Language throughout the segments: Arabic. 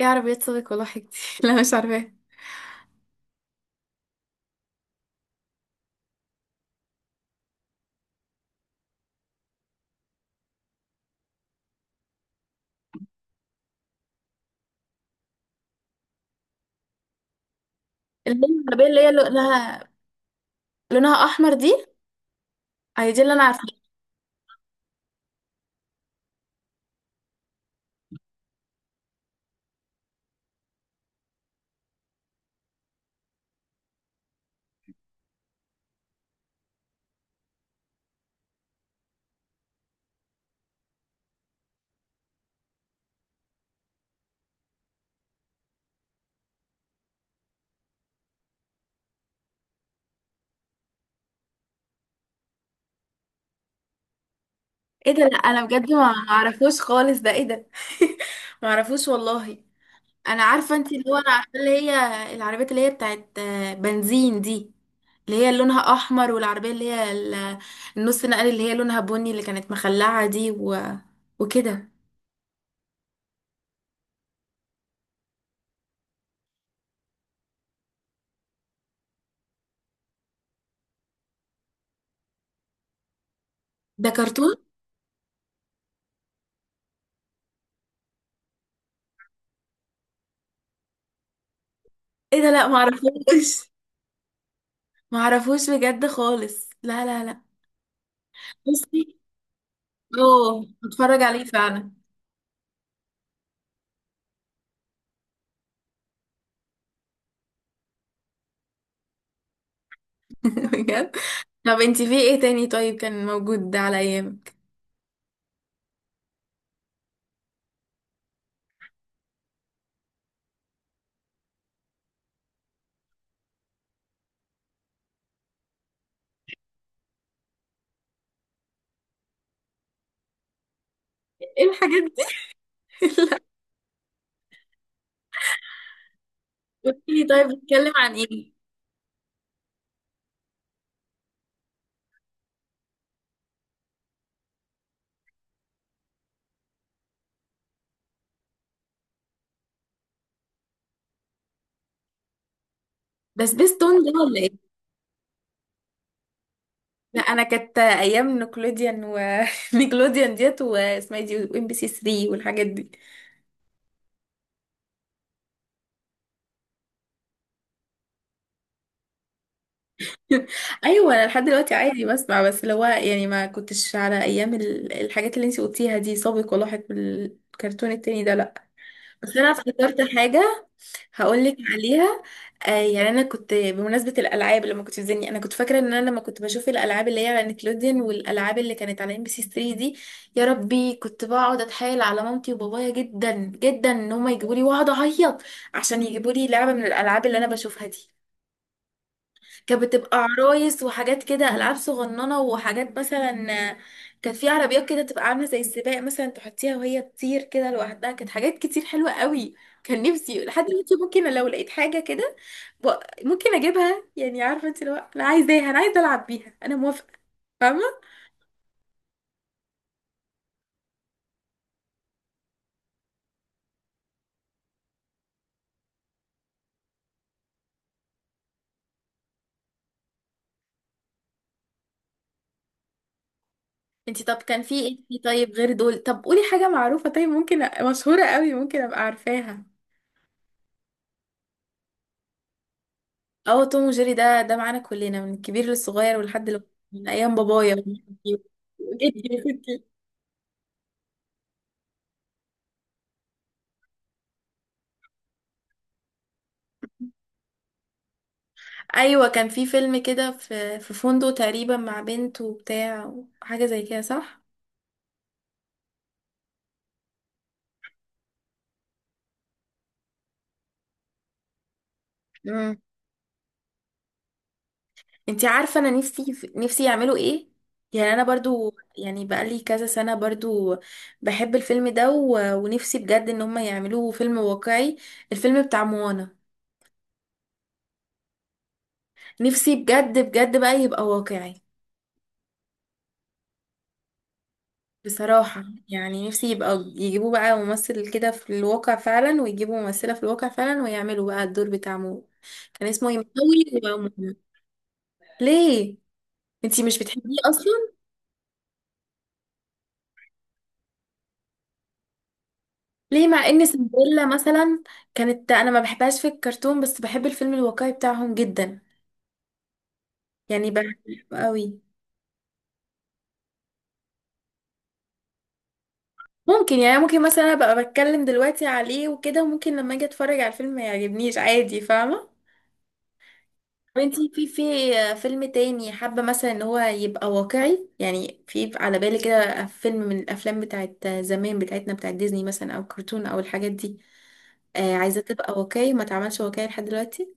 ايه، عربية صديق ولا حاجتي؟ لا، مش عارفاها. اللي هي العربية اللي هي لونها احمر دي؟ هي دي اللي انا عارفاها. ايه ده؟ لا، انا بجد ما اعرفوش خالص. ده ايه ده؟ ما اعرفوش والله. انا عارفة، انت اللي هو انا عارفة اللي هي العربيات اللي هي بتاعت بنزين دي، اللي هي لونها احمر، والعربية اللي هي النص نقل اللي هي لونها بني، اللي كانت مخلعة دي و... وكده. ده كرتون؟ ايه ده؟ لا، ما اعرفوش. ما اعرفوش بجد خالص، لا لا لا. بصي. اوه، هتفرج عليه فعلا. بجد؟ طب انتي في ايه تاني؟ طيب، كان موجود على ايامك؟ ايه الحاجات دي؟ لا. قولي لي، طيب، بتتكلم عن ايه؟ ده سبيستون ده ولا ايه؟ لا، انا كانت ايام نيكلوديان و. نيكلوديان ديت، واسمها إيه دي، وام بي سي 3، والحاجات دي. ايوه، انا لحد دلوقتي عادي بسمع، بس اللي هو يعني ما كنتش على ايام الحاجات اللي انتي قلتيها دي، سابق ولاحق بالكرتون التاني ده، لا. بس انا افتكرت حاجه، هقولك عليها. يعني انا كنت بمناسبه الالعاب، لما كنت بتزني، انا كنت فاكره ان انا لما كنت بشوف الالعاب اللي هي على نيكلوديان والالعاب اللي كانت على ام بي سي 3 دي، يا ربي كنت بقعد اتحايل على مامتي وبابايا جدا جدا ان هما يجيبوا لي، واقعد اعيط عشان يجيبوا لي لعبه من الالعاب اللي انا بشوفها دي. كانت بتبقى عرايس وحاجات كده، العاب صغننه وحاجات مثلا. كانت في عربيات كده تبقى عامله زي السباق، مثلا تحطيها وهي تطير كده لوحدها، كانت حاجات كتير حلوه قوي. كان نفسي لحد دلوقتي، ممكن لو لقيت حاجه كده ب- ممكن اجيبها، يعني عارفه انت، لو انا عايزاها، انا عايزه العب بيها، انا موافقه. فاهمه؟ انت طب كان في ايه طيب غير دول؟ طب قولي حاجه معروفه، طيب، ممكن مشهوره قوي ممكن ابقى عارفاها. اه، توم وجيري، ده معانا كلنا من الكبير للصغير، ولحد من ايام بابايا وجدي. وجدي وجدي. ايوه، كان في فيلم كده في فندق تقريبا مع بنت وبتاع، حاجه زي كده، صح؟ امم. انتي عارفه انا نفسي، نفسي يعملوا ايه؟ يعني انا برضو، يعني بقالي كذا سنه برضو بحب الفيلم ده و. ونفسي بجد ان هم يعملوه فيلم واقعي، الفيلم بتاع موانا. نفسي بجد بجد بقى يبقى واقعي، بصراحة. يعني نفسي يبقى يجيبوه بقى ممثل كده في الواقع فعلا، ويجيبوا ممثلة في الواقع فعلا، ويعملوا بقى الدور بتاع مو. كان اسمه يمثلي ومو. ليه؟ انتي مش بتحبيه اصلا؟ ليه، مع ان سندريلا مثلا كانت، انا ما بحبهاش في الكرتون، بس بحب الفيلم الواقعي بتاعهم جدا، يعني بحبه قوي. ممكن، يعني ممكن مثلا ابقى بتكلم دلوقتي عليه وكده، وممكن لما اجي اتفرج على الفيلم ما يعجبنيش، عادي. فاهمة؟ طب انتي في فيلم تاني حابة مثلا ان هو يبقى واقعي؟ يعني في على بالي كده فيلم من الافلام بتاعت زمان بتاعتنا، بتاعت ديزني مثلا، او كرتون، او الحاجات دي، عايزة تبقى واقعي ما تعملش واقعي لحد دلوقتي.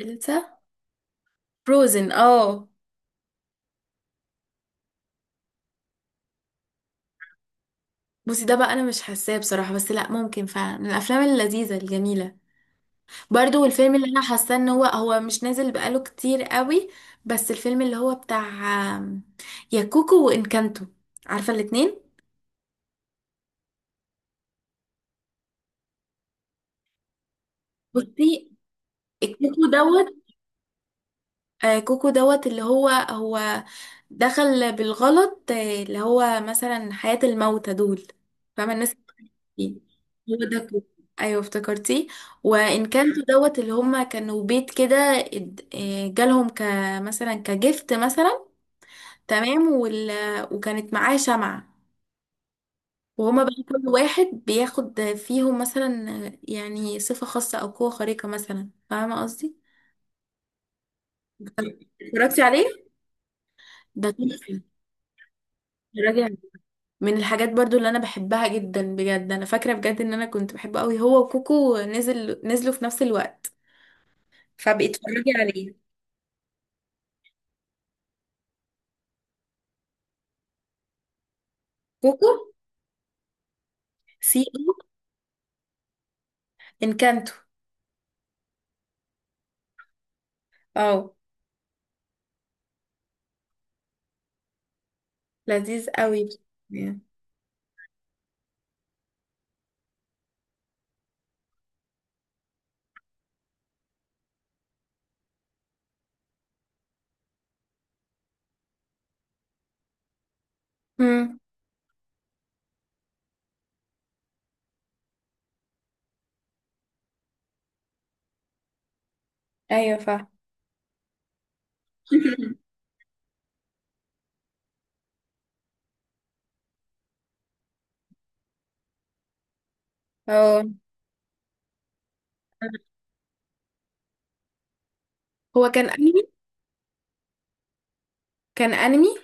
إلسا. فروزن، اه. بصي، ده بقى انا مش حاساه بصراحة، بس لا، ممكن فعلا من الافلام اللذيذة الجميلة. برضو الفيلم اللي انا حاساه ان هو، هو مش نازل بقاله كتير قوي، بس الفيلم اللي هو بتاع آم، يا كوكو وانكانتو. عارفة الاتنين؟ بصي، الكوكو دوت، كوكو دوت اللي هو دخل بالغلط، اللي هو مثلا حياة الموتى دول، فاهمة الناس دي. هو ده كوكو، ايوه، افتكرتيه. وانكانتو دوت اللي هما كانوا بيت كده، جالهم كمثلا كجفت مثلا، تمام، وال... وكانت معاه شمعة، وهما بقى كل واحد بياخد فيهم مثلا، يعني صفة خاصة أو قوة خارقة مثلا. فاهمة قصدي؟ اتفرجتي عليه؟ ده تحفة. اتفرجي. من الحاجات برضو اللي انا بحبها جدا بجد، انا فاكره بجد ان انا كنت بحبه قوي، هو وكوكو نزلوا في نفس الوقت، فبقيت اتفرجي عليه. كوكو، سي او، انكانتو، اه. لذيذ قوي. امم. ايوه، فاهم. اه. هو كان انمي.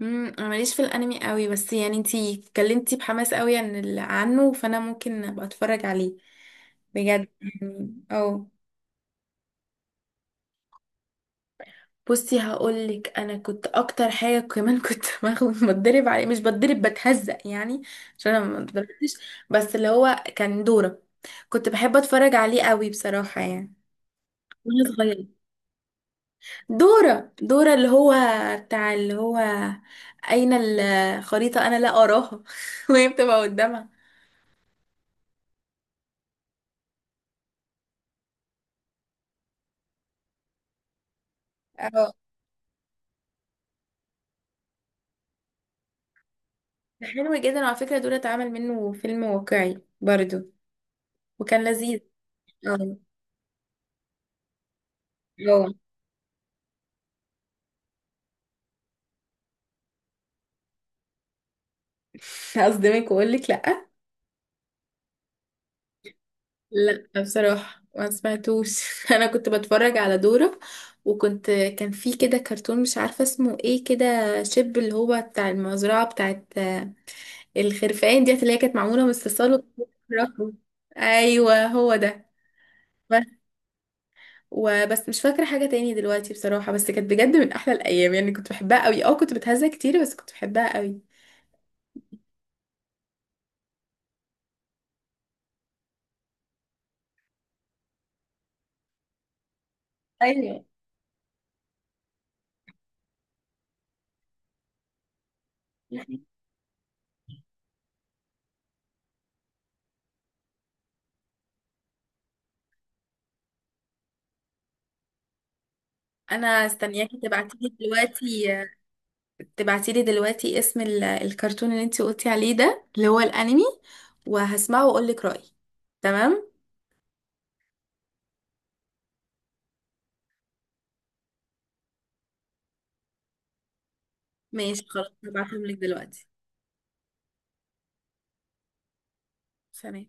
امم، انا ماليش في الانمي قوي، بس يعني انتي اتكلمتي بحماس قوي عن عنه، فانا ممكن ابقى اتفرج عليه بجد، يعني اه. بصي، هقولك انا كنت اكتر حاجه كمان، كنت باخد بتدرب عليه، مش بتدرب، بتهزق يعني، عشان انا ما اتدربتش، بس اللي هو كان دوره. كنت بحب اتفرج عليه قوي بصراحه، يعني وانا صغيره. دوره، دوره اللي هو بتاع، اللي هو، اين الخريطه انا لا اراها وهي بتبقى قدامها. اه. ده حلو جدا، وعلى فكره دوره اتعمل منه فيلم واقعي برضو، وكان لذيذ. اه. اه. هصدمك واقول لك لا. لا، بصراحة ما سمعتوش. انا كنت بتفرج على دورة، وكنت كان في كده كرتون مش عارفة اسمه ايه كده، شب، اللي هو بتاع المزرعة بتاعت الخرفان ديت، اللي هي كانت معمولة من الصلصال وبتتحرك. ايوه، هو ده. بس. وبس مش فاكرة حاجة تاني دلوقتي بصراحة، بس كانت بجد من احلى الايام، يعني كنت بحبها قوي. اه، كنت بتهزأ كتير بس كنت بحبها قوي. ايوه. انا استنياكي تبعتيلي دلوقتي. تبعتيلي دلوقتي اسم الكرتون اللي انتي قلتي عليه ده، اللي هو الانمي، وهسمعه واقولك رأيي. تمام. ماشي. خلاص، هبعتهم لك دلوقتي. سلام.